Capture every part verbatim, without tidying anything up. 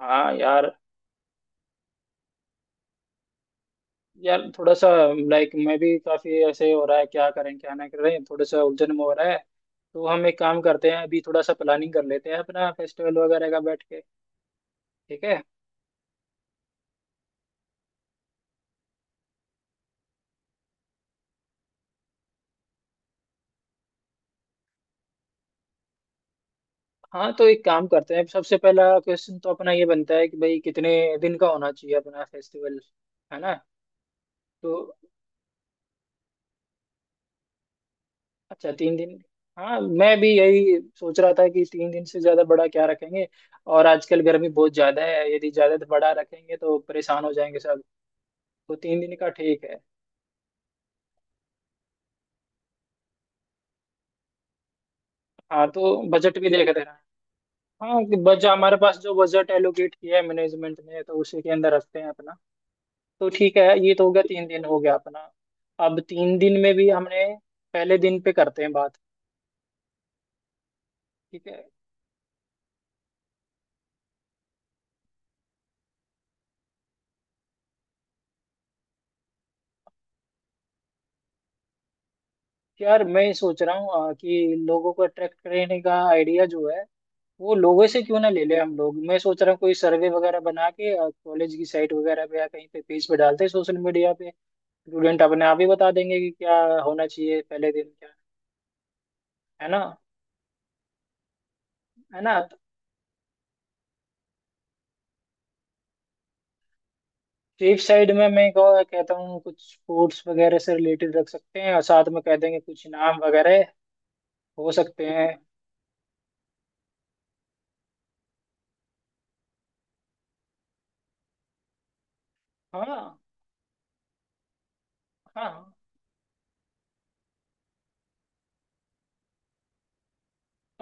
हाँ यार। यार थोड़ा सा लाइक मैं भी काफी ऐसे हो रहा है, क्या करें क्या ना करें, थोड़ा सा उलझन में हो रहा है। तो हम एक काम करते हैं, अभी थोड़ा सा प्लानिंग कर लेते हैं अपना फेस्टिवल वगैरह का बैठ के। ठीक है। हाँ तो एक काम करते हैं, सबसे पहला क्वेश्चन तो अपना ये बनता है कि भाई कितने दिन का होना चाहिए अपना फेस्टिवल, है ना? तो अच्छा, तीन दिन। हाँ मैं भी यही सोच रहा था कि तीन दिन से ज्यादा बड़ा क्या रखेंगे, और आजकल गर्मी बहुत ज्यादा है, यदि ज्यादा बड़ा रखेंगे तो परेशान हो जाएंगे सब। तो तीन दिन का ठीक है। हाँ तो बजट भी देख रहे हैं। हाँ कि बजट, हमारे पास जो बजट एलोकेट किया है मैनेजमेंट ने, तो उसी के अंदर रखते हैं अपना। तो ठीक है, ये तो हो गया, तीन दिन हो गया अपना। अब तीन दिन में भी हमने पहले दिन पे करते हैं बात। ठीक है। यार मैं सोच रहा हूँ आ, कि लोगों को अट्रैक्ट करने का आइडिया जो है वो लोगों से क्यों ना ले ले हम लोग। मैं सोच रहा हूँ कोई सर्वे वगैरह बना के कॉलेज की साइट वगैरह पे या कहीं पे पेज पे डालते हैं सोशल मीडिया पे। स्टूडेंट अपने आप ही बता देंगे कि क्या होना चाहिए पहले दिन क्या। है ना? है ना स्ट्रीट साइड में मैं कहो- कहता हूँ कुछ स्पोर्ट्स वगैरह से रिलेटेड रख सकते हैं, और साथ में कह देंगे कुछ इनाम वगैरह। हो सकते हैं। हाँ। हाँ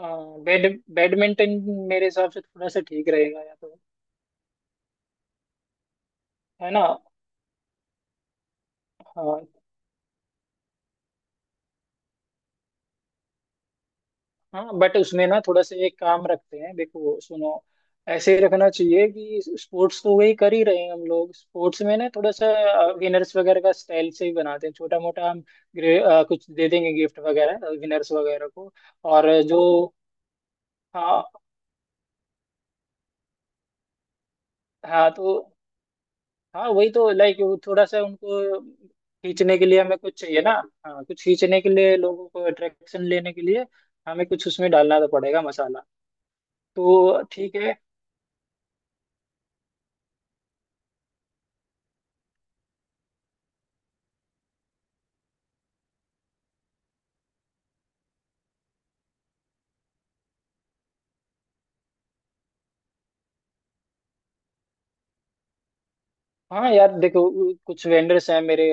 हाँ बैड बैडमिंटन मेरे हिसाब से थोड़ा सा ठीक रहेगा, या तो है ना। हाँ। हाँ बट उसमें ना थोड़ा सा एक काम रखते हैं, देखो सुनो, ऐसे ही रखना चाहिए कि स्पोर्ट्स तो वही कर ही रहे हैं हम लोग, स्पोर्ट्स में ना थोड़ा सा विनर्स वगैरह का स्टाइल से ही बनाते हैं छोटा मोटा हम। ग्रे- अ, कुछ दे देंगे गिफ्ट वगैरह विनर्स वगैरह को। और जो हाँ हाँ तो हाँ वही तो लाइक वो थोड़ा सा उनको खींचने के लिए हमें कुछ चाहिए ना। हाँ कुछ खींचने के लिए, लोगों को अट्रैक्शन लेने के लिए हमें कुछ उसमें डालना तो पड़ेगा मसाला। तो ठीक है। हाँ यार देखो, कुछ वेंडर्स हैं मेरे,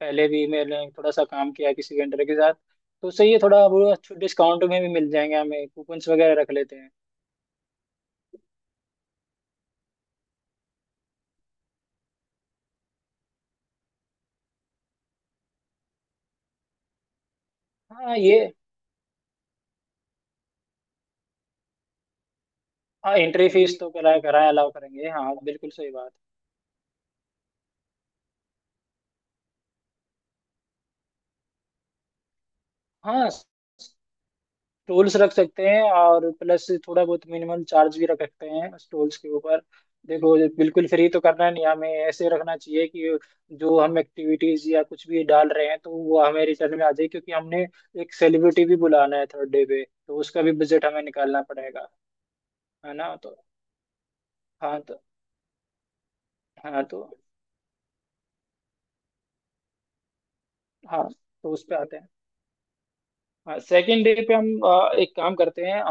पहले भी मैंने थोड़ा सा काम किया है किसी वेंडर के साथ, तो सही है, थोड़ा वो डिस्काउंट में भी मिल जाएंगे हमें, कूपन्स वगैरह रख लेते हैं। हाँ ये हाँ, एंट्री फीस तो करा कराया अलाउ करेंगे, हाँ बिल्कुल सही बात। हाँ टूल्स रख सकते हैं, और प्लस थोड़ा बहुत मिनिमम चार्ज भी रख सकते हैं उस टूल्स के ऊपर। देखो बिल्कुल फ्री तो करना नहीं, हमें ऐसे रखना चाहिए कि जो हम एक्टिविटीज या कुछ भी डाल रहे हैं तो वो हमें रिटर्न में आ जाए, क्योंकि हमने एक सेलिब्रिटी भी बुलाना है थर्ड डे पे, तो उसका भी बजट हमें निकालना पड़ेगा। है ना? तो हाँ तो हाँ तो हाँ तो उस पे आते हैं। सेकेंड डे पे हम अ, एक काम करते हैं,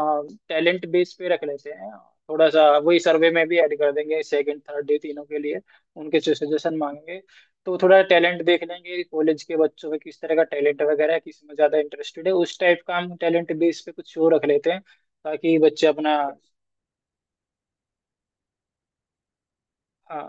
टैलेंट बेस पे रख लेते हैं, थोड़ा सा वही सर्वे में भी ऐड कर देंगे सेकंड थर्ड डे तीनों के लिए। उनके से सजेशन मांगेंगे, तो थोड़ा टैलेंट देख लेंगे कॉलेज के बच्चों में, किस तरह का टैलेंट वगैरह है, किस में ज्यादा इंटरेस्टेड है, उस टाइप का हम टैलेंट बेस पे कुछ शो रख लेते हैं ताकि बच्चे अपना। हाँ,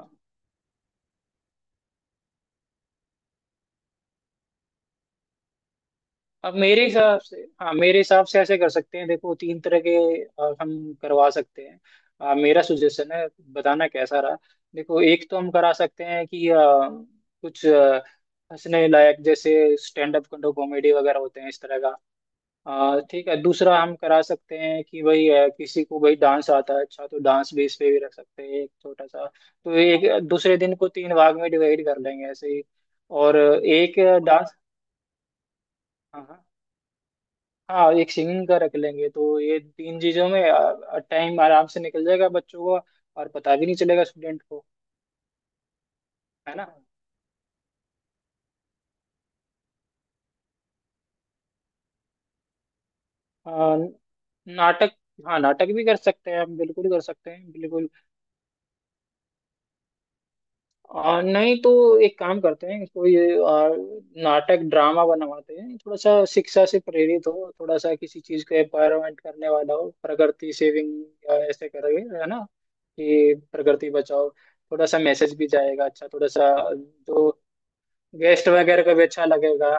अब मेरे हिसाब से, हाँ मेरे हिसाब से ऐसे कर सकते हैं, देखो तीन तरह के अ, हम करवा सकते हैं। अ, मेरा सुजेशन है, बताना कैसा रहा। देखो एक तो हम करा सकते हैं कि अ, कुछ अ, हंसने लायक जैसे स्टैंड अप कॉमेडी वगैरह होते हैं, इस तरह का। अ, ठीक है, दूसरा हम करा सकते हैं कि भाई अ, किसी को भाई डांस आता है अच्छा, तो डांस बेस पे भी रख सकते हैं एक छोटा सा। तो एक दूसरे दिन को तीन भाग में डिवाइड कर लेंगे ऐसे ही, और एक डांस। हाँ हाँ। हाँ एक सिंगिंग का रख लेंगे, तो ये तीन चीजों में टाइम आराम से निकल जाएगा बच्चों को, और पता भी नहीं चलेगा स्टूडेंट को, है ना। अ, नाटक। हाँ नाटक भी कर सकते हैं हम, बिल्कुल कर सकते हैं बिल्कुल। अ, नहीं तो एक काम करते हैं, कोई अ, नाटक ड्रामा बनवाते हैं, थोड़ा सा शिक्षा से प्रेरित हो, थोड़ा सा किसी चीज को एम्पावरमेंट करने वाला हो, प्रकृति सेविंग या ऐसे करके, है ना, कि प्रकृति बचाओ, थोड़ा सा मैसेज भी जाएगा अच्छा। थोड़ा सा जो गेस्ट वगैरह को भी अच्छा लगेगा।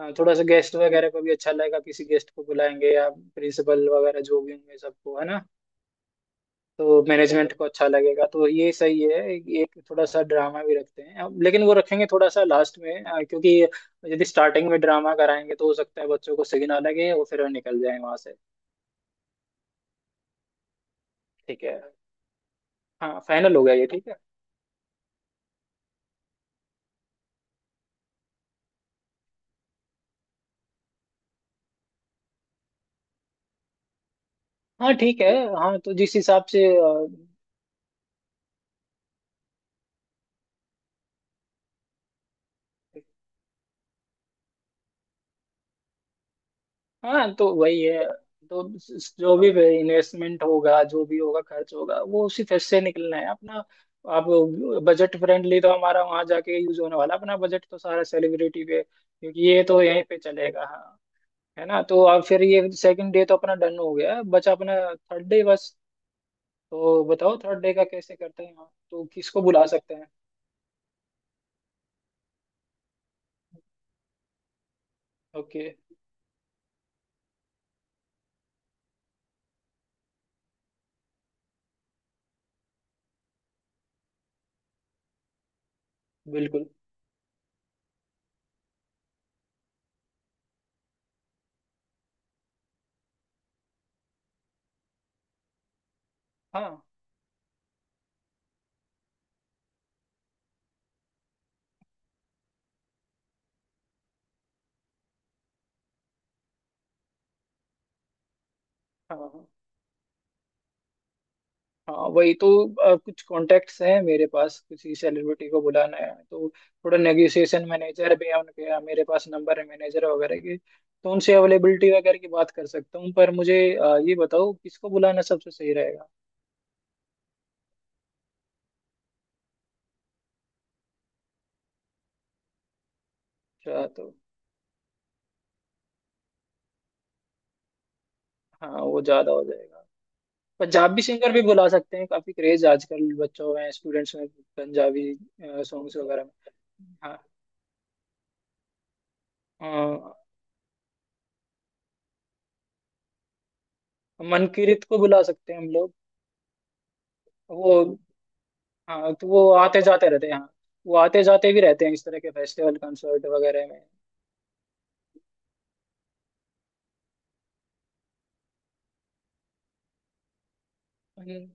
हाँ, थोड़ा सा गेस्ट वगैरह को भी अच्छा लगेगा, किसी गेस्ट को बुलाएंगे या प्रिंसिपल वगैरह जो भी होंगे सबको, है ना। तो मैनेजमेंट को अच्छा लगेगा, तो ये सही है। एक थोड़ा सा ड्रामा भी रखते हैं अब, लेकिन वो रखेंगे थोड़ा सा लास्ट में अ, क्योंकि यदि स्टार्टिंग में ड्रामा कराएंगे तो हो सकता है बच्चों को सही ना लगे और फिर वो निकल जाए वहां से। ठीक है। हाँ फाइनल हो गया ये, ठीक है। हाँ ठीक है। हाँ तो जिस हिसाब से अ, हाँ तो वही है। तो स- जो भी इन्वेस्टमेंट होगा, जो भी होगा खर्च होगा, वो उसी फेस से निकलना है अपना। आप बजट फ्रेंडली तो हमारा, वहां जाके यूज होने वाला अपना बजट तो सारा सेलिब्रिटी पे, क्योंकि ये तो यहीं पे चलेगा। हाँ, है ना। तो अब फिर ये सेकंड डे तो अपना डन हो गया, बचा अपना थर्ड डे बस। तो बताओ थर्ड डे का कैसे करते हैं हम, तो किसको बुला सकते हैं। ओके, बिल्कुल। हाँ हाँ। हाँ हाँ वही तो अ, कुछ कॉन्टेक्ट्स हैं मेरे पास, किसी सेलिब्रिटी को बुलाना है तो थोड़ा नेगोशिएशन। मैनेजर भी है उनके, मेरे पास नंबर है मैनेजर वगैरह के, तो उनसे अवेलेबिलिटी वगैरह की बात कर सकता हूँ, पर मुझे अ, ये बताओ किसको बुलाना सबसे सही रहेगा। अच्छा तो हाँ वो ज़्यादा हो जाएगा। पंजाबी सिंगर भी बुला सकते हैं, काफ़ी क्रेज आजकल बच्चों में, स्टूडेंट्स में, पंजाबी सॉन्ग्स वगैरह में हाँ। अ, मनकीरत को बुला सकते हैं हम लोग। वो हाँ, तो वो आते जाते रहते हैं हाँ, वो आते जाते भी रहते हैं इस तरह के फेस्टिवल कंसर्ट वगैरह में। हम्म,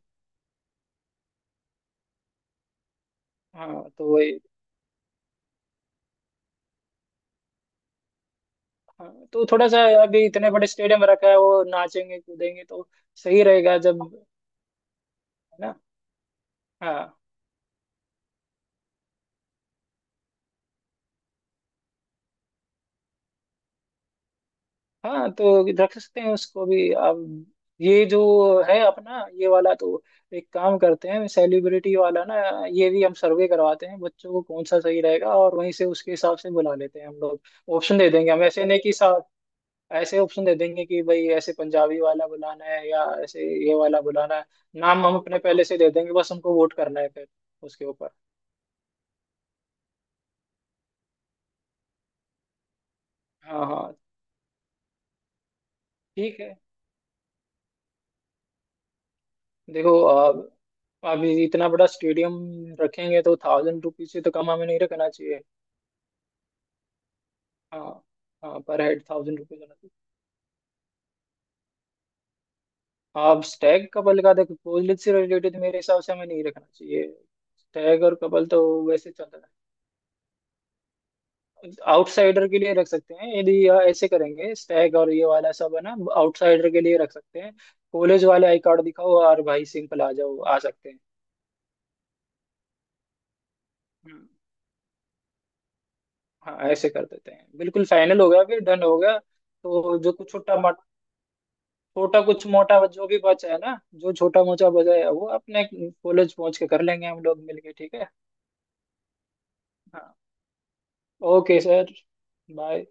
हाँ तो वही। हाँ तो थोड़ा सा, अभी इतने बड़े स्टेडियम रखा है, वो नाचेंगे कूदेंगे तो सही रहेगा, जब है ना। हाँ। हाँ तो रख सकते हैं उसको भी। अब ये जो है अपना ये वाला, तो एक काम करते हैं सेलिब्रिटी वाला ना, ये भी हम सर्वे करवाते हैं बच्चों को, कौन सा सही रहेगा और वहीं से उसके हिसाब से बुला लेते हैं हम लोग। ऑप्शन दे देंगे हम, ऐसे नहीं कि सा- ऐसे ऑप्शन दे देंगे कि भाई ऐसे पंजाबी वाला बुलाना है या ऐसे ये वाला बुलाना है। नाम हम अपने पहले से दे देंगे, बस हमको वोट करना है फिर उसके ऊपर। हाँ हाँ ठीक है। देखो अब अभी इतना बड़ा स्टेडियम रखेंगे तो थाउजेंड रुपीज से तो कम हमें नहीं रखना चाहिए। हाँ। हाँ पर हेड थाउजेंड रुपीज होना चाहिए। अब स्टैग कपल का देखो, कोहली से रिलेटेड मेरे हिसाब से हमें नहीं रखना चाहिए, स्टैग और कपल तो वैसे चल रहा है। आउटसाइडर के लिए रख सकते हैं, यदि यह ऐसे करेंगे स्टैग और ये वाला सब, है ना, आउटसाइडर के लिए रख सकते हैं। कॉलेज वाले आई कार्ड दिखाओ और भाई सिंपल आ जाओ, आ सकते हैं। हम्म, हाँ ऐसे कर देते हैं, बिल्कुल फाइनल हो गया, फिर डन हो गया। तो जो कुछ छोटा मोटा, छोटा कुछ मोटा जो भी बचा है ना, जो छोटा मोटा बचा है वो अपने कॉलेज पहुंच के कर लेंगे हम लोग मिलके। ठीक है। हाँ। Okay sir, bye.